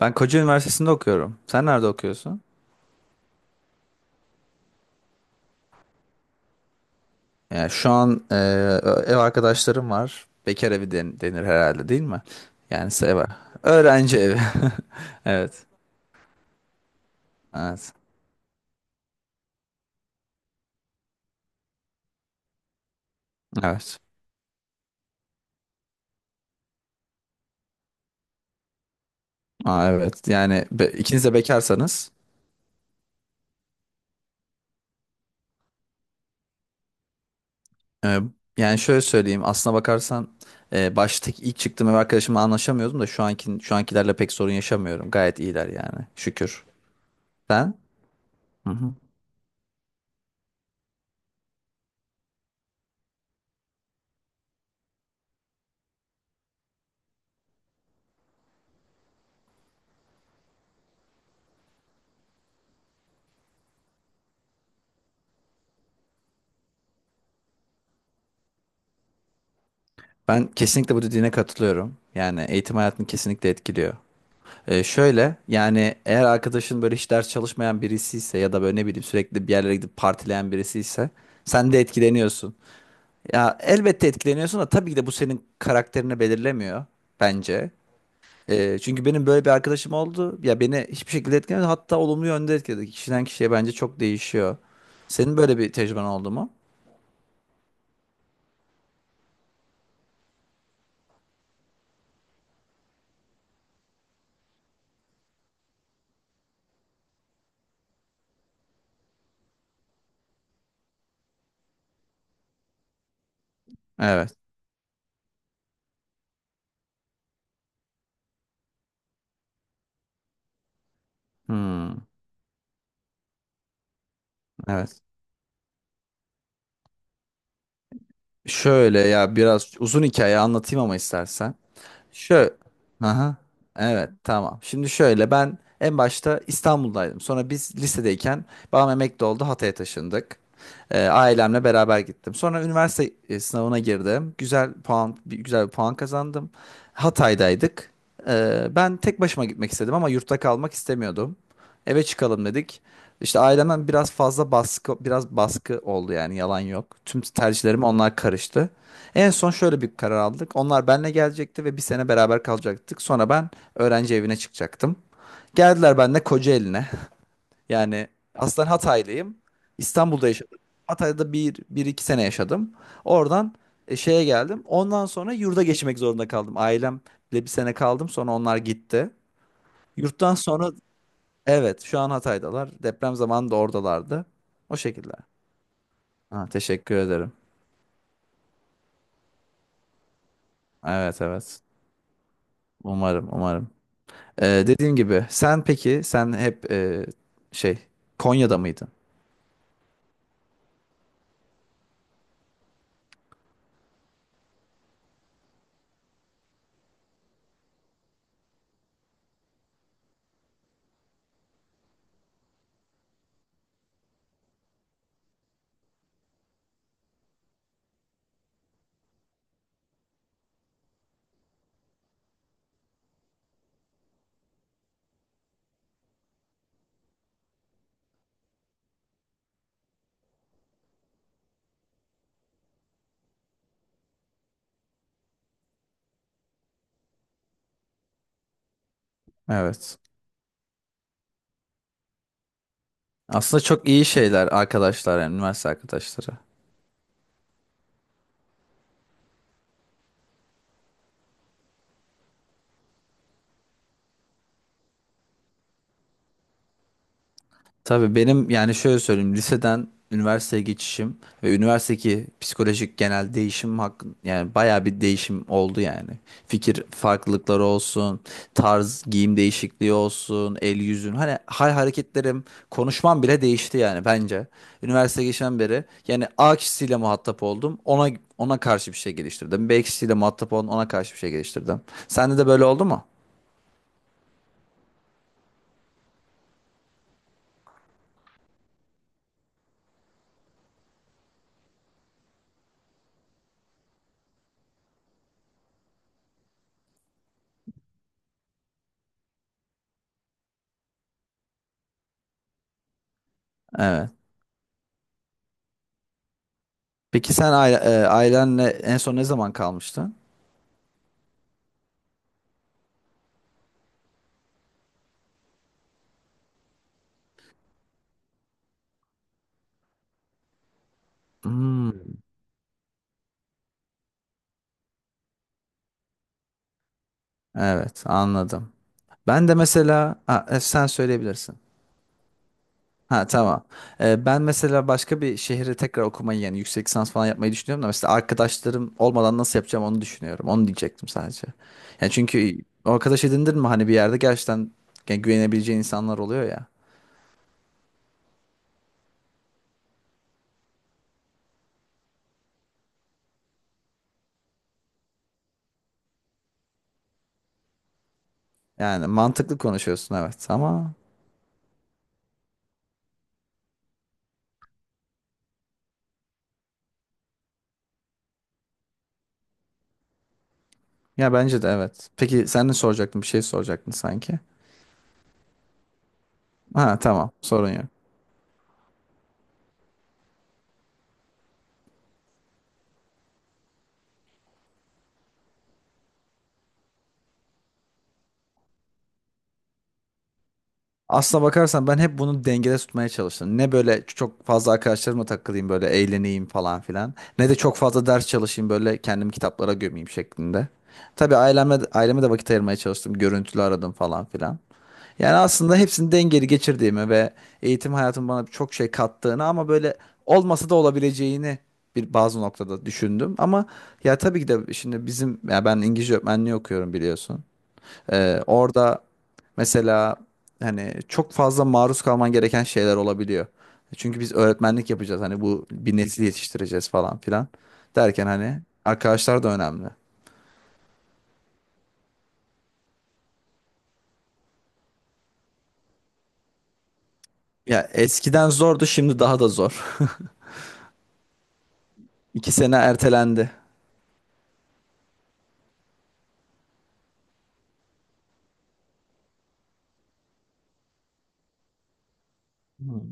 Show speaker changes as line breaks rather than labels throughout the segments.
Ben Koca Üniversitesi'nde okuyorum. Sen nerede okuyorsun? Yani şu an ev arkadaşlarım var. Bekar evi denir herhalde değil mi? Yani ev. Öğrenci evi. Evet. Evet. Evet. Aa, evet. Yani ikiniz de bekarsanız. e, Yani şöyle söyleyeyim. Aslına bakarsan baştaki ilk çıktığım ev arkadaşımla anlaşamıyordum da şu ankilerle pek sorun yaşamıyorum. Gayet iyiler yani. Şükür. Sen? Hı hı. Ben kesinlikle bu dediğine katılıyorum. Yani eğitim hayatını kesinlikle etkiliyor. Şöyle, yani eğer arkadaşın böyle hiç ders çalışmayan birisi ise ya da böyle ne bileyim sürekli bir yerlere gidip partileyen birisi ise sen de etkileniyorsun. Ya elbette etkileniyorsun da tabii ki de bu senin karakterini belirlemiyor bence. Çünkü benim böyle bir arkadaşım oldu. Ya beni hiçbir şekilde etkilemedi. Hatta olumlu yönde etkiledi. Kişiden kişiye bence çok değişiyor. Senin böyle bir tecrüben oldu mu? Evet. Hmm, evet. Şöyle, ya biraz uzun hikaye anlatayım ama istersen. Şöyle. Aha. Evet, tamam. Şimdi şöyle, ben en başta İstanbul'daydım. Sonra biz lisedeyken babam emekli oldu. Hatay'a taşındık. Ailemle beraber gittim. Sonra üniversite sınavına girdim. Güzel bir puan kazandım. Hatay'daydık. Ben tek başıma gitmek istedim ama yurtta kalmak istemiyordum. Eve çıkalım dedik. İşte ailemden biraz fazla baskı, biraz baskı oldu yani, yalan yok. Tüm tercihlerime onlar karıştı. En son şöyle bir karar aldık. Onlar benle gelecekti ve bir sene beraber kalacaktık. Sonra ben öğrenci evine çıkacaktım. Geldiler benle Kocaeli'ne. Yani aslen Hataylıyım. İstanbul'da yaşadım. Hatay'da bir iki sene yaşadım. Oradan şeye geldim. Ondan sonra yurda geçmek zorunda kaldım. Ailemle bir sene kaldım. Sonra onlar gitti. Yurttan sonra evet, şu an Hatay'dalar. Deprem zamanı da oradalardı. O şekilde. Ha, teşekkür ederim. Evet, evet. Umarım, umarım. Dediğim gibi, peki sen hep şey Konya'da mıydın? Evet. Aslında çok iyi şeyler arkadaşlar, yani üniversite arkadaşları. Tabii benim, yani şöyle söyleyeyim, liseden üniversiteye geçişim ve üniversitedeki psikolojik genel değişim hakkın, yani bayağı bir değişim oldu yani. Fikir farklılıkları olsun, tarz giyim değişikliği olsun, el yüzün, hani hal hareketlerim, konuşmam bile değişti yani bence. Üniversiteye geçen beri yani A kişisiyle muhatap oldum. Ona karşı bir şey geliştirdim. B kişisiyle muhatap oldum. Ona karşı bir şey geliştirdim. Sende de böyle oldu mu? Evet. Peki sen ailenle en son ne zaman kalmıştın? Hmm. Evet, anladım. Ben de mesela ha, sen söyleyebilirsin. Ha, tamam. Ben mesela başka bir şehre tekrar okumayı, yani yüksek lisans falan yapmayı düşünüyorum da mesela arkadaşlarım olmadan nasıl yapacağım onu düşünüyorum. Onu diyecektim sadece. Yani çünkü o arkadaş edindin mi hani bir yerde gerçekten, yani güvenebileceğin insanlar oluyor ya. Yani mantıklı konuşuyorsun, evet ama ya bence de evet. Peki sen ne soracaktın? Bir şey soracaktın sanki. Ha, tamam, sorun yok. Aslına bakarsan ben hep bunu dengede tutmaya çalıştım. Ne böyle çok fazla arkadaşlarıma takılayım böyle eğleneyim falan filan. Ne de çok fazla ders çalışayım böyle kendimi kitaplara gömeyim şeklinde. Tabii aileme de vakit ayırmaya çalıştım. Görüntülü aradım falan filan. Yani aslında hepsini dengeli geçirdiğimi ve eğitim hayatım bana çok şey kattığını ama böyle olmasa da olabileceğini bir bazı noktada düşündüm. Ama ya tabii ki de şimdi bizim, ya ben İngilizce öğretmenliği okuyorum, biliyorsun. Orada mesela hani çok fazla maruz kalman gereken şeyler olabiliyor. Çünkü biz öğretmenlik yapacağız, hani bu bir nesil yetiştireceğiz falan filan derken hani arkadaşlar da önemli. Ya eskiden zordu, şimdi daha da zor. 2 sene ertelendi. Hı.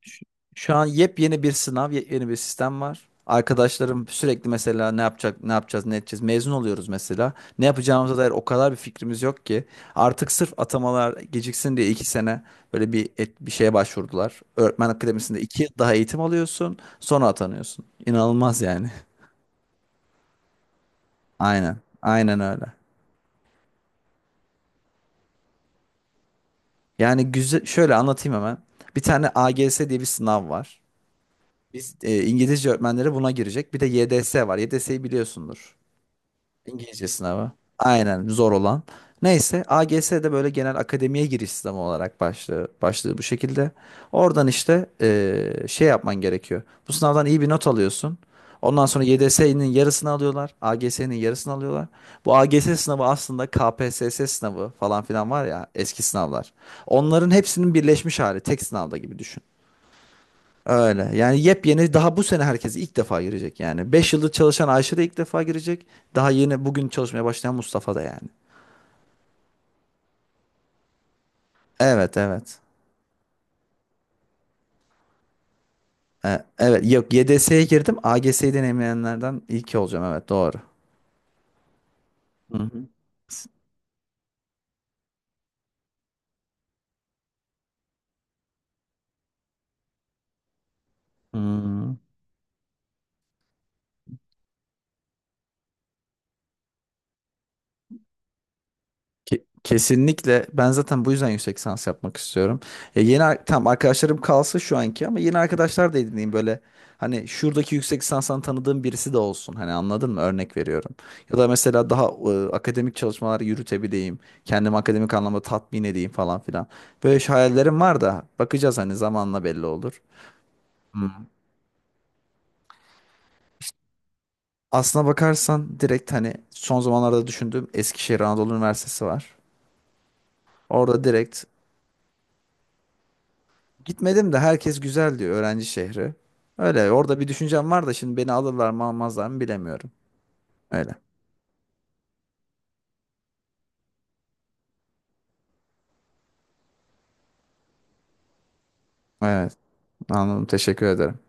Şu şu an yepyeni bir sınav, yepyeni bir sistem var. Arkadaşlarım sürekli mesela, ne yapacak, ne yapacağız, ne edeceğiz. Mezun oluyoruz mesela. Ne yapacağımıza dair o kadar bir fikrimiz yok ki. Artık sırf atamalar geciksin diye 2 sene böyle bir bir şeye başvurdular. Öğretmen Akademisi'nde 2 yıl daha eğitim alıyorsun, sonra atanıyorsun. İnanılmaz yani. Aynen, aynen öyle. Yani güzel, şöyle anlatayım hemen. Bir tane AGS diye bir sınav var. Biz İngilizce öğretmenleri buna girecek. Bir de YDS var. YDS'yi biliyorsundur. İngilizce sınavı. Aynen, zor olan. Neyse AGS de böyle genel akademiye giriş sınavı olarak başlığı bu şekilde. Oradan işte şey yapman gerekiyor. Bu sınavdan iyi bir not alıyorsun. Ondan sonra YDS'nin yarısını alıyorlar. AGS'nin yarısını alıyorlar. Bu AGS sınavı aslında KPSS sınavı falan filan var ya, eski sınavlar. Onların hepsinin birleşmiş hali tek sınavda gibi düşün. Öyle. Yani yepyeni, daha bu sene herkes ilk defa girecek yani. 5 yıldır çalışan Ayşe de ilk defa girecek. Daha yeni bugün çalışmaya başlayan Mustafa da yani. Evet, evet. Evet, yok, YDS'ye girdim. AGS'yi deneyimleyenlerden ilki olacağım, evet, doğru. Hı hı. Hmm. Kesinlikle ben zaten bu yüzden yüksek lisans yapmak istiyorum. Ya yeni tam arkadaşlarım kalsın şu anki, ama yeni arkadaşlar da edineyim böyle. Hani şuradaki yüksek lisanstan tanıdığım birisi de olsun. Hani anladın mı? Örnek veriyorum. Ya da mesela daha akademik çalışmalar yürütebileyim. Kendimi akademik anlamda tatmin edeyim falan filan. Böyle şey hayallerim var da, bakacağız, hani zamanla belli olur. Hmm. Aslına bakarsan direkt hani son zamanlarda düşündüğüm Eskişehir Anadolu Üniversitesi var. Orada direkt. Gitmedim de herkes güzel diyor, öğrenci şehri. Öyle, orada bir düşüncem var da şimdi beni alırlar mı, almazlar mı bilemiyorum. Öyle. Evet, anladım, teşekkür ederim.